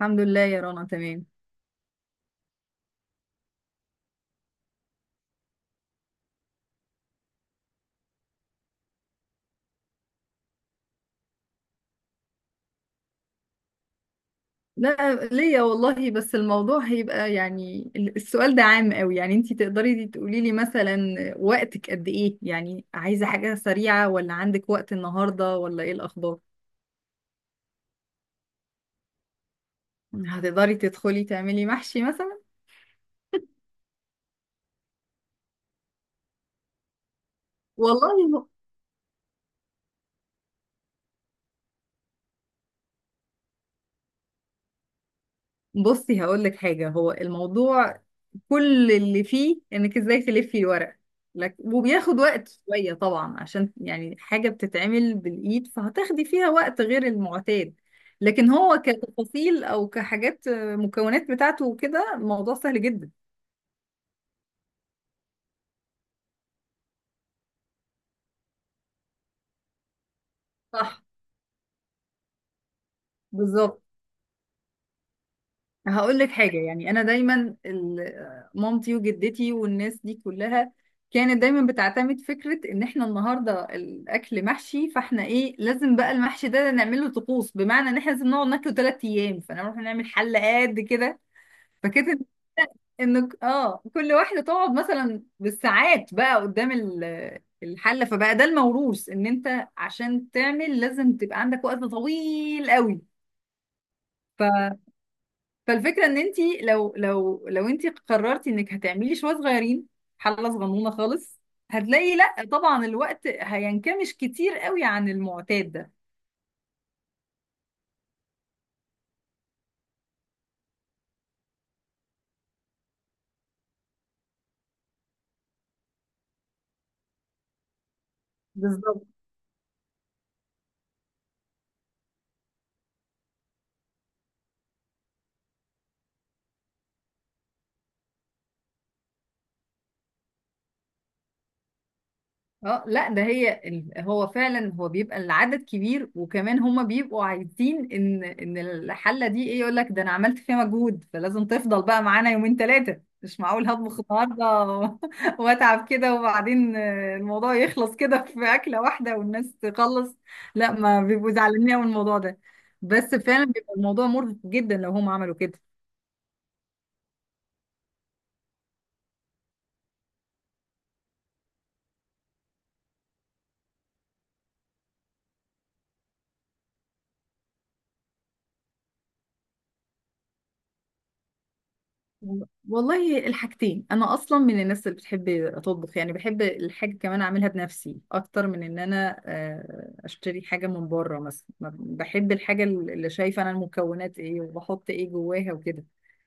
الحمد لله يا رنا، تمام. لا ليا والله، بس الموضوع هيبقى السؤال ده عام قوي. يعني انتي تقدري تقولي لي مثلا وقتك قد ايه، يعني عايزة حاجة سريعة ولا عندك وقت النهاردة ولا ايه الأخبار؟ هتقدري تدخلي تعملي محشي مثلا؟ والله بصي، هقول لك حاجة. هو الموضوع كل اللي فيه انك ازاي تلفي الورق لك، وبياخد وقت شوية طبعا عشان يعني حاجة بتتعمل بالإيد، فهتاخدي فيها وقت غير المعتاد. لكن هو كتفاصيل او كحاجات مكونات بتاعته وكده، الموضوع سهل جدا. صح، بالظبط. هقول لك حاجة، يعني أنا دايما مامتي وجدتي والناس دي كلها كانت دايما بتعتمد فكرة إن إحنا النهاردة الأكل محشي، فإحنا إيه، لازم بقى المحشي ده نعمل له طقوس. بمعنى إن إحنا لازم نقعد ناكله تلات أيام، فنروح نعمل حلة قد كده. فكده، إن آه كل واحدة تقعد مثلا بالساعات بقى قدام الحلة، فبقى ده الموروث، إن أنت عشان تعمل لازم تبقى عندك وقت طويل قوي. فالفكره ان انت لو انت قررتي انك هتعملي شويه صغيرين، حله صغنونه خالص، هتلاقي لا طبعا الوقت هينكمش كتير قوي عن المعتاد ده. بالظبط. اه لا، ده هي هو فعلا هو بيبقى العدد كبير، وكمان هما بيبقوا عايزين ان الحله دي ايه، يقول لك ده انا عملت فيها مجهود، فلازم تفضل بقى معانا يومين ثلاثه. مش معقول هطبخ النهارده واتعب كده وبعدين الموضوع يخلص كده في اكله واحده والناس تخلص. لا، ما بيبقوا زعلانين من الموضوع ده، بس فعلا بيبقى الموضوع مرهق جدا لو هم عملوا كده. والله الحاجتين، انا اصلا من الناس اللي بتحب اطبخ، يعني بحب الحاجه كمان اعملها بنفسي اكتر من ان انا اشتري حاجه من بره مثلا. بحب الحاجه اللي شايفه انا المكونات ايه وبحط ايه جواها وكده،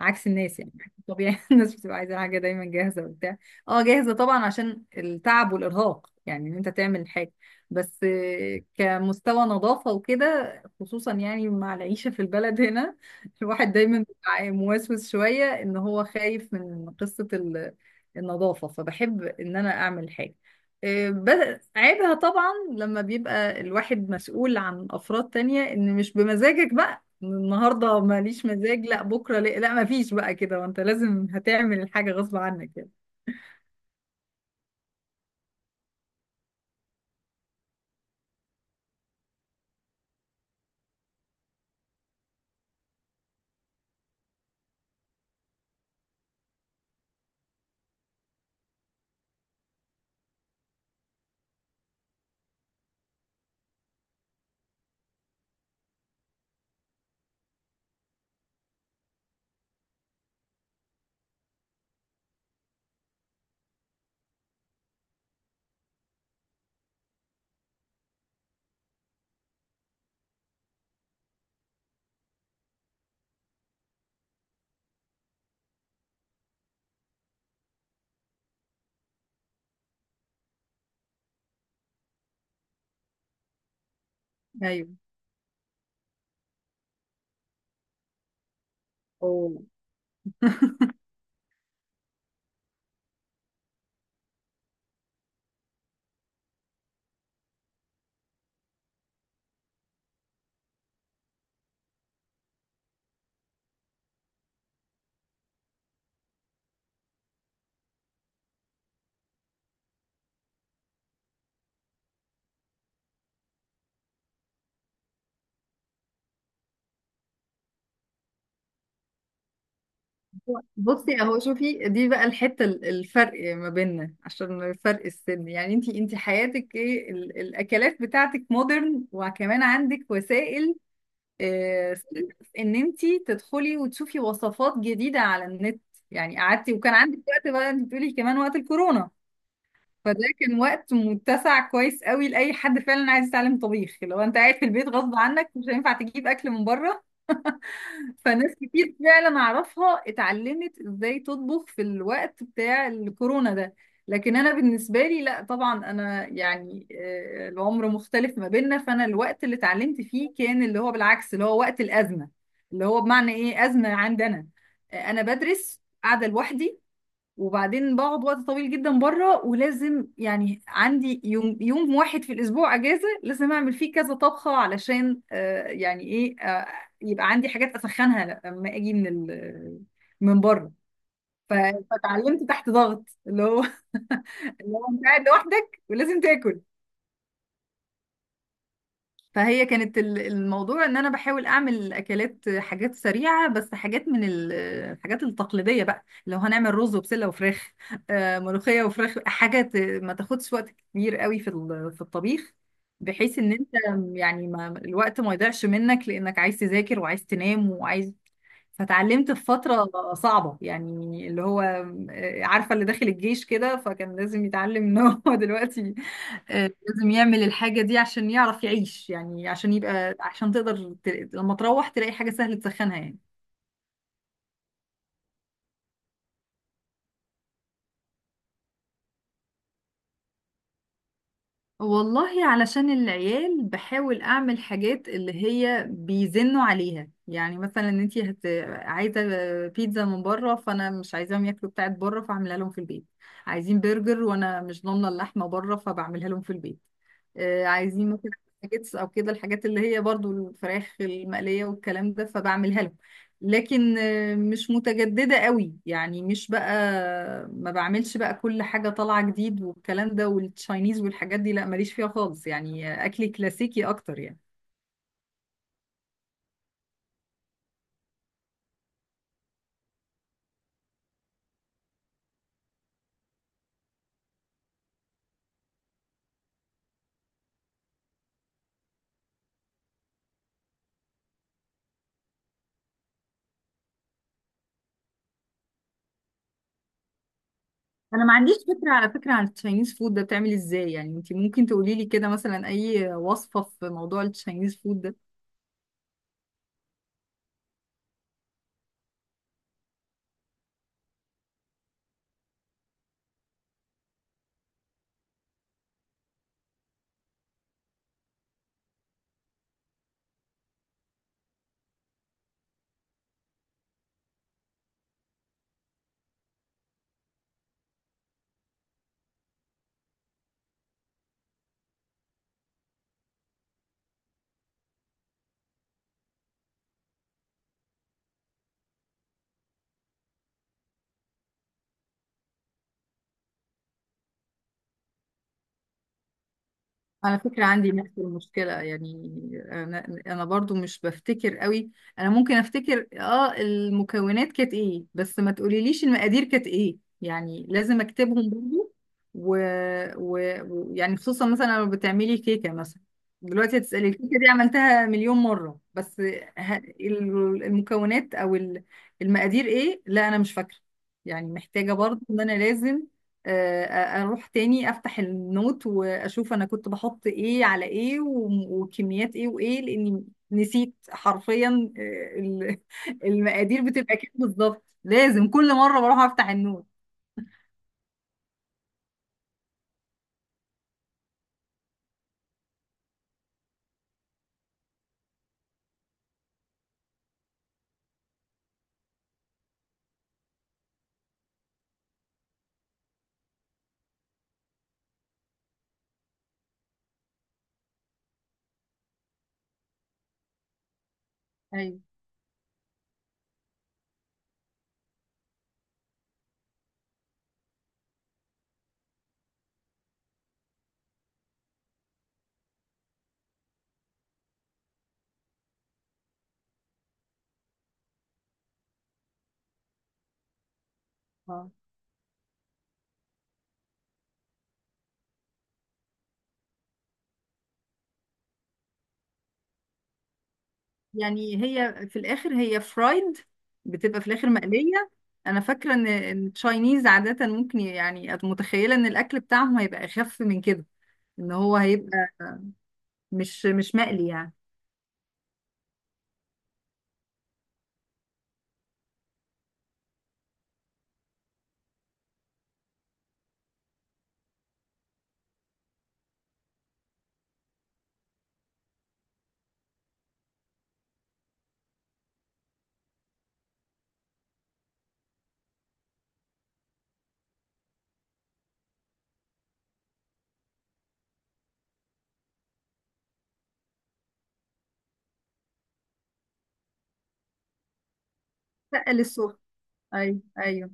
عكس الناس يعني. طبيعي، الناس بتبقى عايزه حاجه دايما جاهزه وبتاع. اه جاهزه طبعا عشان التعب والارهاق، يعني ان انت تعمل حاجه، بس كمستوى نظافه وكده خصوصا يعني مع العيشه في البلد هنا الواحد دايما بيبقى موسوس شوية، ان هو خايف من قصة النظافة، فبحب ان انا اعمل حاجة. بس عيبها طبعا لما بيبقى الواحد مسؤول عن افراد تانية، ان مش بمزاجك بقى النهاردة ماليش مزاج لا بكرة لا, لا مفيش بقى كده، وانت لازم هتعمل الحاجة غصب عنك يعني. ايوه. أوه. بصي اهو، شوفي دي بقى الحته، الفرق ما بيننا عشان فرق السن يعني. انتي حياتك ايه، الاكلات بتاعتك مودرن، وكمان عندك وسائل آه، ان انتي تدخلي وتشوفي وصفات جديده على النت. يعني قعدتي وكان عندك وقت بقى، انت بتقولي كمان وقت الكورونا، فده كان وقت متسع كويس قوي لاي حد فعلا عايز يتعلم طبيخ. لو انت قاعد في البيت غصب عنك، مش هينفع تجيب اكل من بره، فناس كتير فعلا اعرفها اتعلمت ازاي تطبخ في الوقت بتاع الكورونا ده. لكن انا بالنسبه لي لا طبعا، انا يعني العمر مختلف ما بيننا، فانا الوقت اللي اتعلمت فيه كان اللي هو بالعكس، اللي هو وقت الازمه. اللي هو بمعنى ايه ازمه عندنا، انا بدرس قاعده لوحدي، وبعدين بقعد وقت طويل جدا بره، ولازم يعني عندي يوم، يوم واحد في الاسبوع اجازه، لازم اعمل فيه كذا طبخه علشان آه يعني ايه آه يبقى عندي حاجات اسخنها لما اجي من ال من بره. ف- فتعلمت تحت ضغط، اللي هو اللي هو انت قاعد لوحدك ولازم تاكل. فهي كانت الموضوع ان انا بحاول اعمل اكلات، حاجات سريعه، بس حاجات من الحاجات التقليديه بقى. لو هنعمل رز وبسله وفراخ، ملوخيه وفراخ، حاجه ما تاخدش وقت كبير قوي في في الطبيخ، بحيث ان انت يعني ما الوقت ما يضيعش منك، لانك عايز تذاكر وعايز تنام وعايز. فتعلمت في فتره صعبه يعني، اللي هو عارفه اللي داخل الجيش كده، فكان لازم يتعلم ان هو دلوقتي لازم يعمل الحاجة دي عشان يعرف يعيش. يعني عشان يبقى عشان تقدر لما تروح تلاقي حاجة سهل تسخنها يعني. والله علشان العيال بحاول أعمل حاجات اللي هي بيزنوا عليها، يعني مثلا انتي عايزة بيتزا من بره فأنا مش عايزاهم ياكلوا بتاعت بره، فأعملها لهم في البيت. عايزين برجر وأنا مش ضامنة اللحمة بره، فبعملها لهم في البيت. عايزين مثلا ناجتس أو كده، الحاجات اللي هي برضو الفراخ المقلية والكلام ده، فبعملها لهم. لكن مش متجددة قوي يعني، مش بقى ما بعملش بقى كل حاجة طالعة جديد والكلام ده، والتشاينيز والحاجات دي لا ماليش فيها خالص يعني. أكلي كلاسيكي أكتر يعني. أنا ما عنديش فكرة على فكرة عن التشاينيز فود ده بتعمل إزاي، يعني أنت ممكن تقولي لي كده مثلا أي وصفة في موضوع التشاينيز فود ده. على فكرة عندي نفس المشكلة يعني، أنا برضو مش بفتكر قوي. أنا ممكن أفتكر آه المكونات كانت إيه، بس ما تقوليليش المقادير كانت إيه، يعني لازم أكتبهم برضو. و... و... ويعني خصوصا مثلا لو بتعملي كيكة مثلا، دلوقتي هتسألي الكيكة دي عملتها مليون مرة، بس المكونات أو المقادير إيه، لا أنا مش فاكرة. يعني محتاجة برضو إن أنا لازم آه، اروح تاني افتح النوت واشوف انا كنت بحط ايه على ايه وكميات ايه وايه، لاني نسيت حرفيا. المقادير بتبقى كام بالظبط، لازم كل مره بروح افتح النوت. ايوه. اه يعني هي في الاخر هي فرايد، بتبقى في الاخر مقليه. انا فاكره ان إن التشاينيز عاده ممكن يعني متخيله ان الاكل بتاعهم هيبقى اخف من كده، ان هو هيبقى مش مقلي يعني. لا للسوق. ايوه ايوه.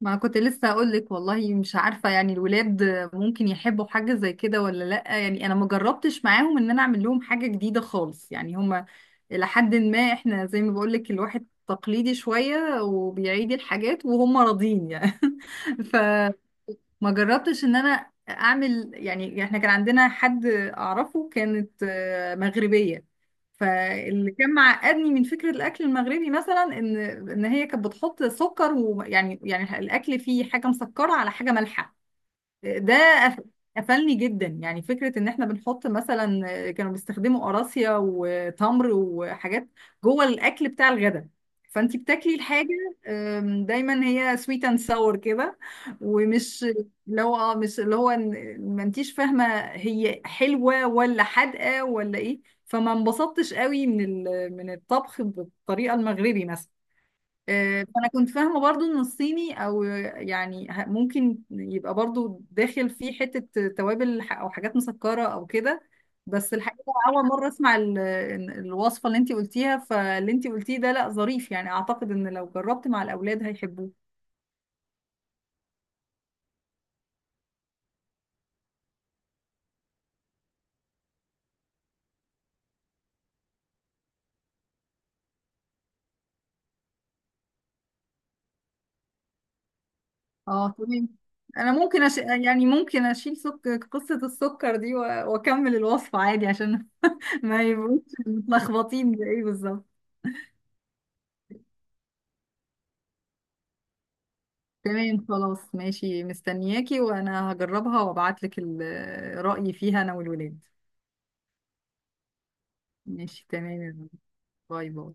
ما كنت لسه اقول لك والله مش عارفه، يعني الولاد ممكن يحبوا حاجه زي كده ولا لا، يعني انا ما جربتش معاهم ان انا اعمل لهم حاجه جديده خالص، يعني هما الى حد ما احنا زي ما بقول لك الواحد تقليدي شويه وبيعيد الحاجات وهم راضين يعني. ف ما جربتش ان انا اعمل، يعني احنا كان عندنا حد اعرفه كانت مغربية. فاللي كان معقدني من فكرة الاكل المغربي مثلا ان ان هي كانت بتحط سكر، ويعني الاكل فيه حاجة مسكرة على حاجة مالحة. ده قف- قفلني جدا، يعني فكرة ان احنا بنحط مثلا، كانوا بيستخدموا قراصية وتمر وحاجات جوه الاكل بتاع الغداء، فانتي بتاكلي الحاجة دايما هي سويت اند ساور كده، ومش اللي هو اه مش اللي هو ما انتيش فاهمة هي حلوة ولا حادقة ولا ايه. فما انبسطتش قوي من من الطبخ بالطريقة المغربي مثلا. فانا كنت فاهمه برضو ان الصيني او يعني ممكن يبقى برضو داخل فيه حته توابل او حاجات مسكره او كده. بس الحقيقه اول مره اسمع إن الوصفه اللي انت قلتيها، فاللي انت قلتيه ده لا ظريف، يعني اعتقد ان لو جربت مع الاولاد هيحبوه. اه تمام. انا ممكن يعني ممكن اشيل قصه السكر دي واكمل الوصفه عادي عشان ما يبقوش متلخبطين بايه بالظبط. تمام خلاص ماشي، مستنياكي، وانا هجربها وابعتلك رأيي فيها انا والولاد. ماشي تمام يا رب. باي باي.